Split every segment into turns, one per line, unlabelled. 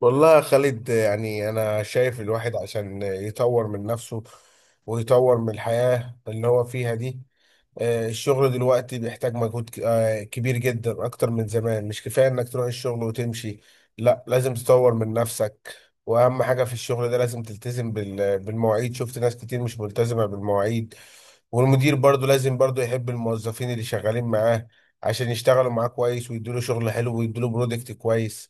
والله يا خالد يعني أنا شايف الواحد عشان يطور من نفسه ويطور من الحياة اللي هو فيها دي. الشغل دلوقتي بيحتاج مجهود كبير جدا أكتر من زمان، مش كفاية إنك تروح الشغل وتمشي، لا لازم تطور من نفسك. وأهم حاجة في الشغل ده لازم تلتزم بالمواعيد، شفت ناس كتير مش ملتزمة بالمواعيد. والمدير برضو لازم برضو يحب الموظفين اللي شغالين معاه عشان يشتغلوا معاه كويس ويدوله شغل حلو ويدوله برودكت كويس.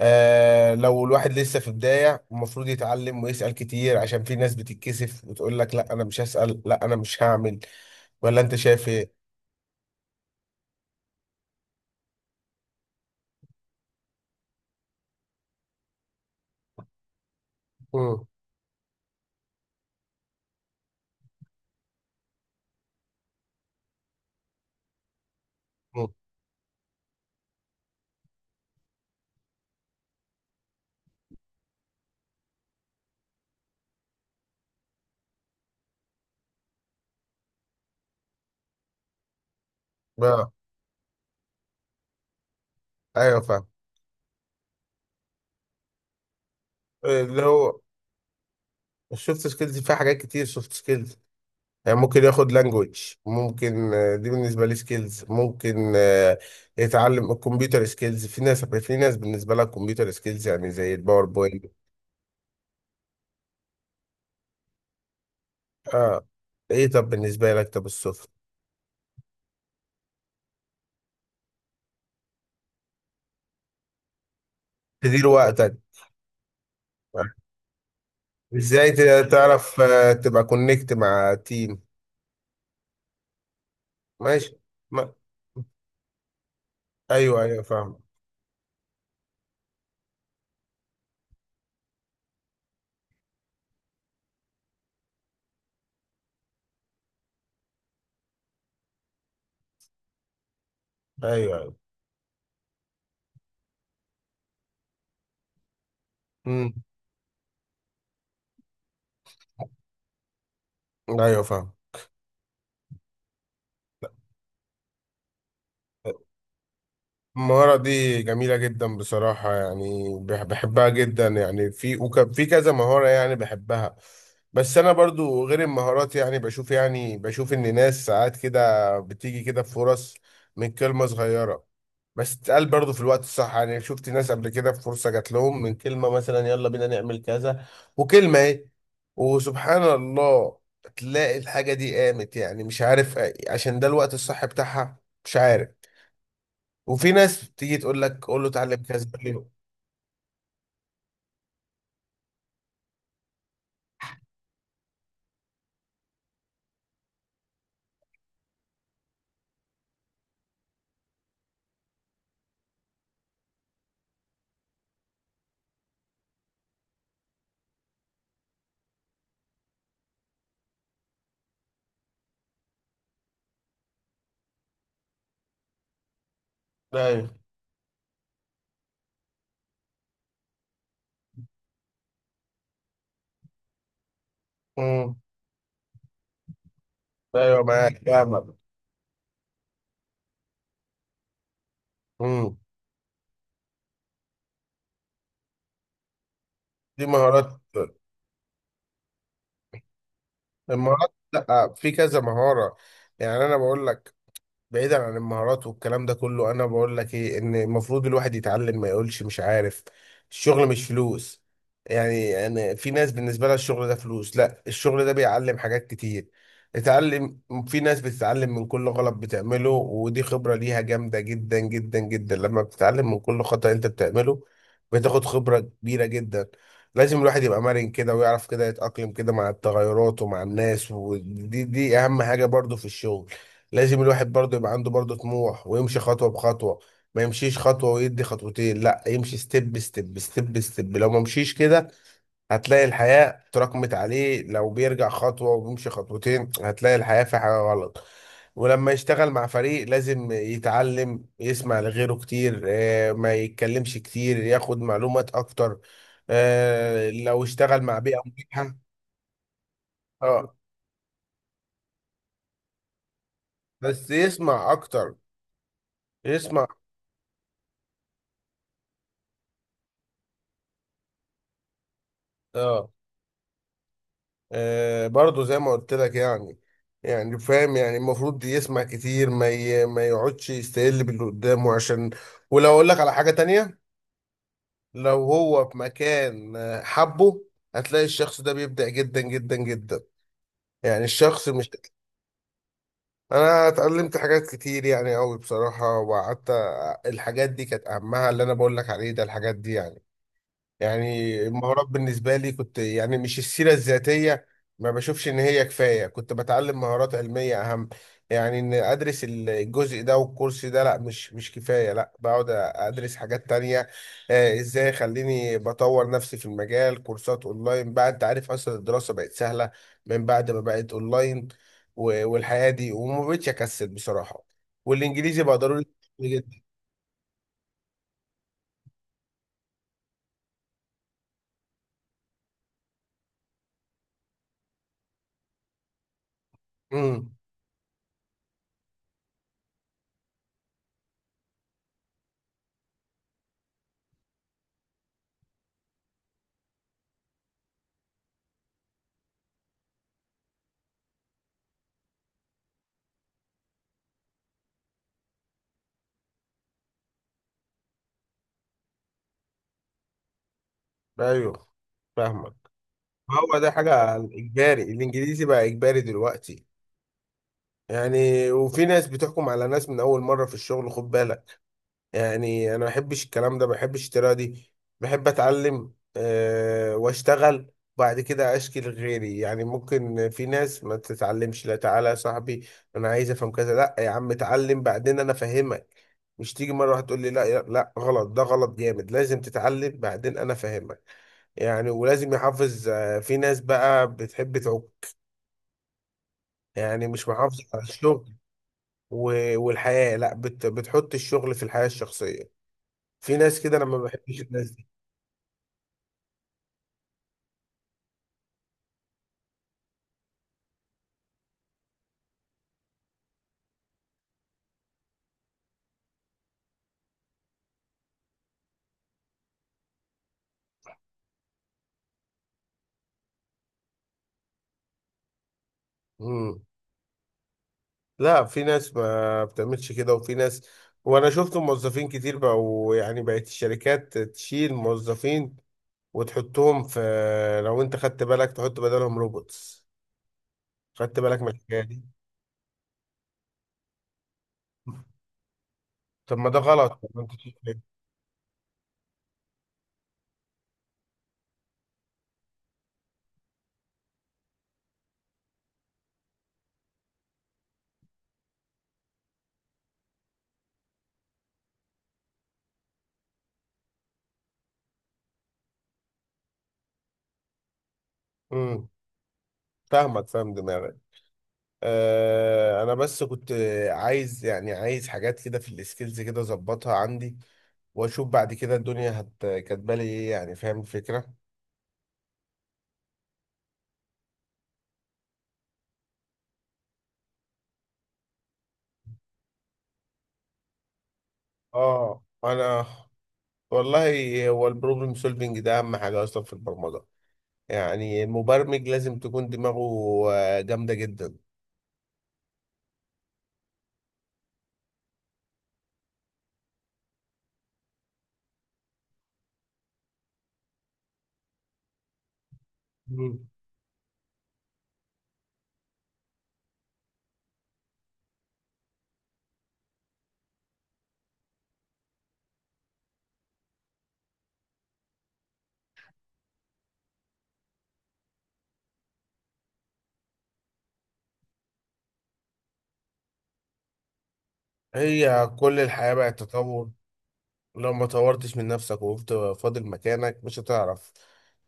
آه لو الواحد لسه في بداية المفروض يتعلم ويسأل كتير، عشان في ناس بتتكسف وتقول لك لا أنا مش هسأل لا أنا مش هعمل. ولا أنت شايف إيه؟ مم. مم. بقى. أيوه فاهم. اللي هو السوفت سكيلز فيها حاجات كتير. سوفت سكيلز يعني ممكن ياخد لانجوج، ممكن دي بالنسبة لي سكيلز، ممكن يتعلم الكمبيوتر سكيلز. في ناس بالنسبة لها الكمبيوتر سكيلز يعني زي الباوربوينت. اه. ايه طب بالنسبة لك طب السوفت، تدير وقتك. ازاي تعرف تبقى كونكت مع تيم. ماشي. ما... ايوه، ايوه، فاهم. ايوه، ايوه، امم ايوه فاهم. المهارة دي جميلة جدا بصراحة، يعني بحبها جدا، يعني في في كذا مهارة يعني بحبها. بس أنا برضو غير المهارات، يعني بشوف، يعني بشوف إن ناس ساعات كده بتيجي كده بفرص من كلمة صغيرة بس تتقال برضو في الوقت الصح. يعني شفت ناس قبل كده في فرصة جات لهم من كلمة، مثلا يلا بينا نعمل كذا، وكلمة إيه، وسبحان الله تلاقي الحاجة دي قامت، يعني مش عارف، عشان ده الوقت الصح بتاعها، مش عارف. وفي ناس تيجي تقول لك قول له اتعلم كذا ليه. ايوه. امم ايوه معاك فاهمك. امم دي مهارات. المهارات، لا في كذا مهارة. يعني انا بقول لك، بعيدا عن المهارات والكلام ده كله، انا بقول لك ايه، ان المفروض الواحد يتعلم، ما يقولش مش عارف. الشغل مش فلوس، يعني انا في ناس بالنسبه لها الشغل ده فلوس، لا الشغل ده بيعلم حاجات كتير. اتعلم، في ناس بتتعلم من كل غلط بتعمله، ودي خبره ليها جامده جدا جدا جدا، لما بتتعلم من كل خطأ انت بتعمله بتاخد خبره كبيره جدا. لازم الواحد يبقى مرن كده، ويعرف كده يتأقلم كده مع التغيرات ومع الناس، ودي اهم حاجه برضو في الشغل. لازم الواحد برضه يبقى عنده برضه طموح ويمشي خطوة بخطوة، ما يمشيش خطوة ويدي خطوتين، لا يمشي ستيب ستيب ستيب ستيب. لو ما مشيش كده هتلاقي الحياة تراكمت عليه، لو بيرجع خطوة وبيمشي خطوتين هتلاقي الحياة في حاجة غلط. ولما يشتغل مع فريق لازم يتعلم يسمع لغيره كتير، ما يتكلمش كتير، ياخد معلومات اكتر. لو اشتغل مع بيئة مريحة. اه بس يسمع اكتر، يسمع. اه، برضه زي ما قلت لك، يعني يعني فاهم، يعني المفروض يسمع كتير، ما يقعدش يستقل باللي قدامه عشان. ولو اقول لك على حاجة تانية، لو هو في مكان حبه، هتلاقي الشخص ده بيبدع جدا جدا جدا، يعني الشخص مش. انا اتعلمت حاجات كتير يعني قوي بصراحة، وقعدت الحاجات دي كانت اهمها، اللي انا بقول لك عليه ده الحاجات دي يعني. يعني المهارات بالنسبة لي، كنت يعني مش السيرة الذاتية ما بشوفش إن هي كفاية، كنت بتعلم مهارات علمية أهم. يعني إن أدرس الجزء ده والكورس ده، لا مش كفاية، لا بقعد أدرس حاجات تانية. إزاي خليني بطور نفسي في المجال. كورسات أونلاين بقى، أنت عارف أصلا الدراسة بقت سهلة من بعد ما بقت أونلاين، والحياة دي، وما بقتش أكسل بصراحة. والإنجليزي بقى ضروري جدا. امم. أيوه فاهمك. هو ده، حاجة إجباري، الإنجليزي بقى إجباري دلوقتي. يعني وفي ناس بتحكم على ناس من أول مرة في الشغل، خد بالك. يعني انا ما بحبش الكلام ده، ما بحبش الطريقه دي، بحب اتعلم واشتغل. بعد كده اشكي لغيري. يعني ممكن في ناس ما تتعلمش، لا تعالى يا صاحبي انا عايز افهم كذا، لا يا عم اتعلم بعدين انا افهمك. مش تيجي مره واحده تقول لي لا، لا، لا، غلط ده غلط جامد، لازم تتعلم بعدين انا افهمك. يعني ولازم يحافظ، في ناس بقى بتحب تعوق يعني، مش محافظة على الشغل والحياة، لا بتحط الشغل في الحياة الشخصية. في ناس كده انا ما بحبش الناس دي. مم. لا في ناس ما بتعملش كده، وفي ناس، وانا شفت موظفين كتير بقوا، يعني بقت الشركات تشيل موظفين وتحطهم في، لو انت خدت بالك تحط بدلهم روبوتس، خدت بالك من الحكايه دي. طب ما ده غلط، طب ما انت شايف ليه؟ امم فاهمك، فاهم دماغك. آه انا بس كنت عايز، يعني عايز حاجات كده في السكيلز كده اظبطها عندي، واشوف بعد كده الدنيا هت كاتبالي ايه، يعني فاهم الفكره. اه انا، والله هو البروبلم سولفنج ده اهم حاجه اصلا في البرمجه، يعني المبرمج لازم تكون دماغه جامده جدا. مم. هي كل الحياه بقت تطور، لو ما طورتش من نفسك وقفت فاضل مكانك مش هتعرف.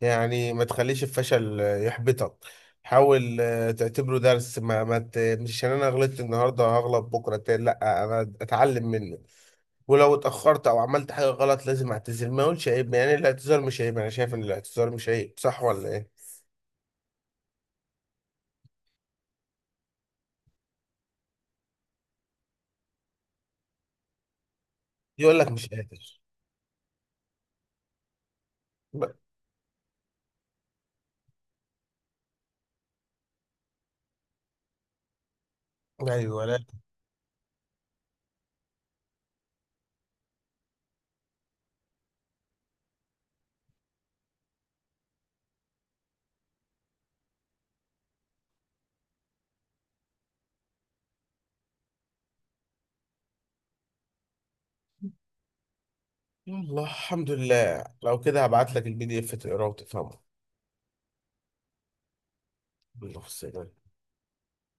يعني ما تخليش الفشل يحبطك، حاول تعتبره درس. ما, ما ت... مش عشان انا غلطت النهارده هغلط بكره تاني، لا انا اتعلم منه. ولو اتأخرت أو عملت حاجة غلط لازم أعتذر، ما أقولش عيب، يعني الاعتذار مش عيب، أنا شايف إن الاعتذار مش عيب، صح ولا إيه؟ يقول لك مش قادر. ب... أيوه لا. يلا الحمد لله، لو كده هبعت لك البي دي إف تقراه وتفهمه. الله السلام.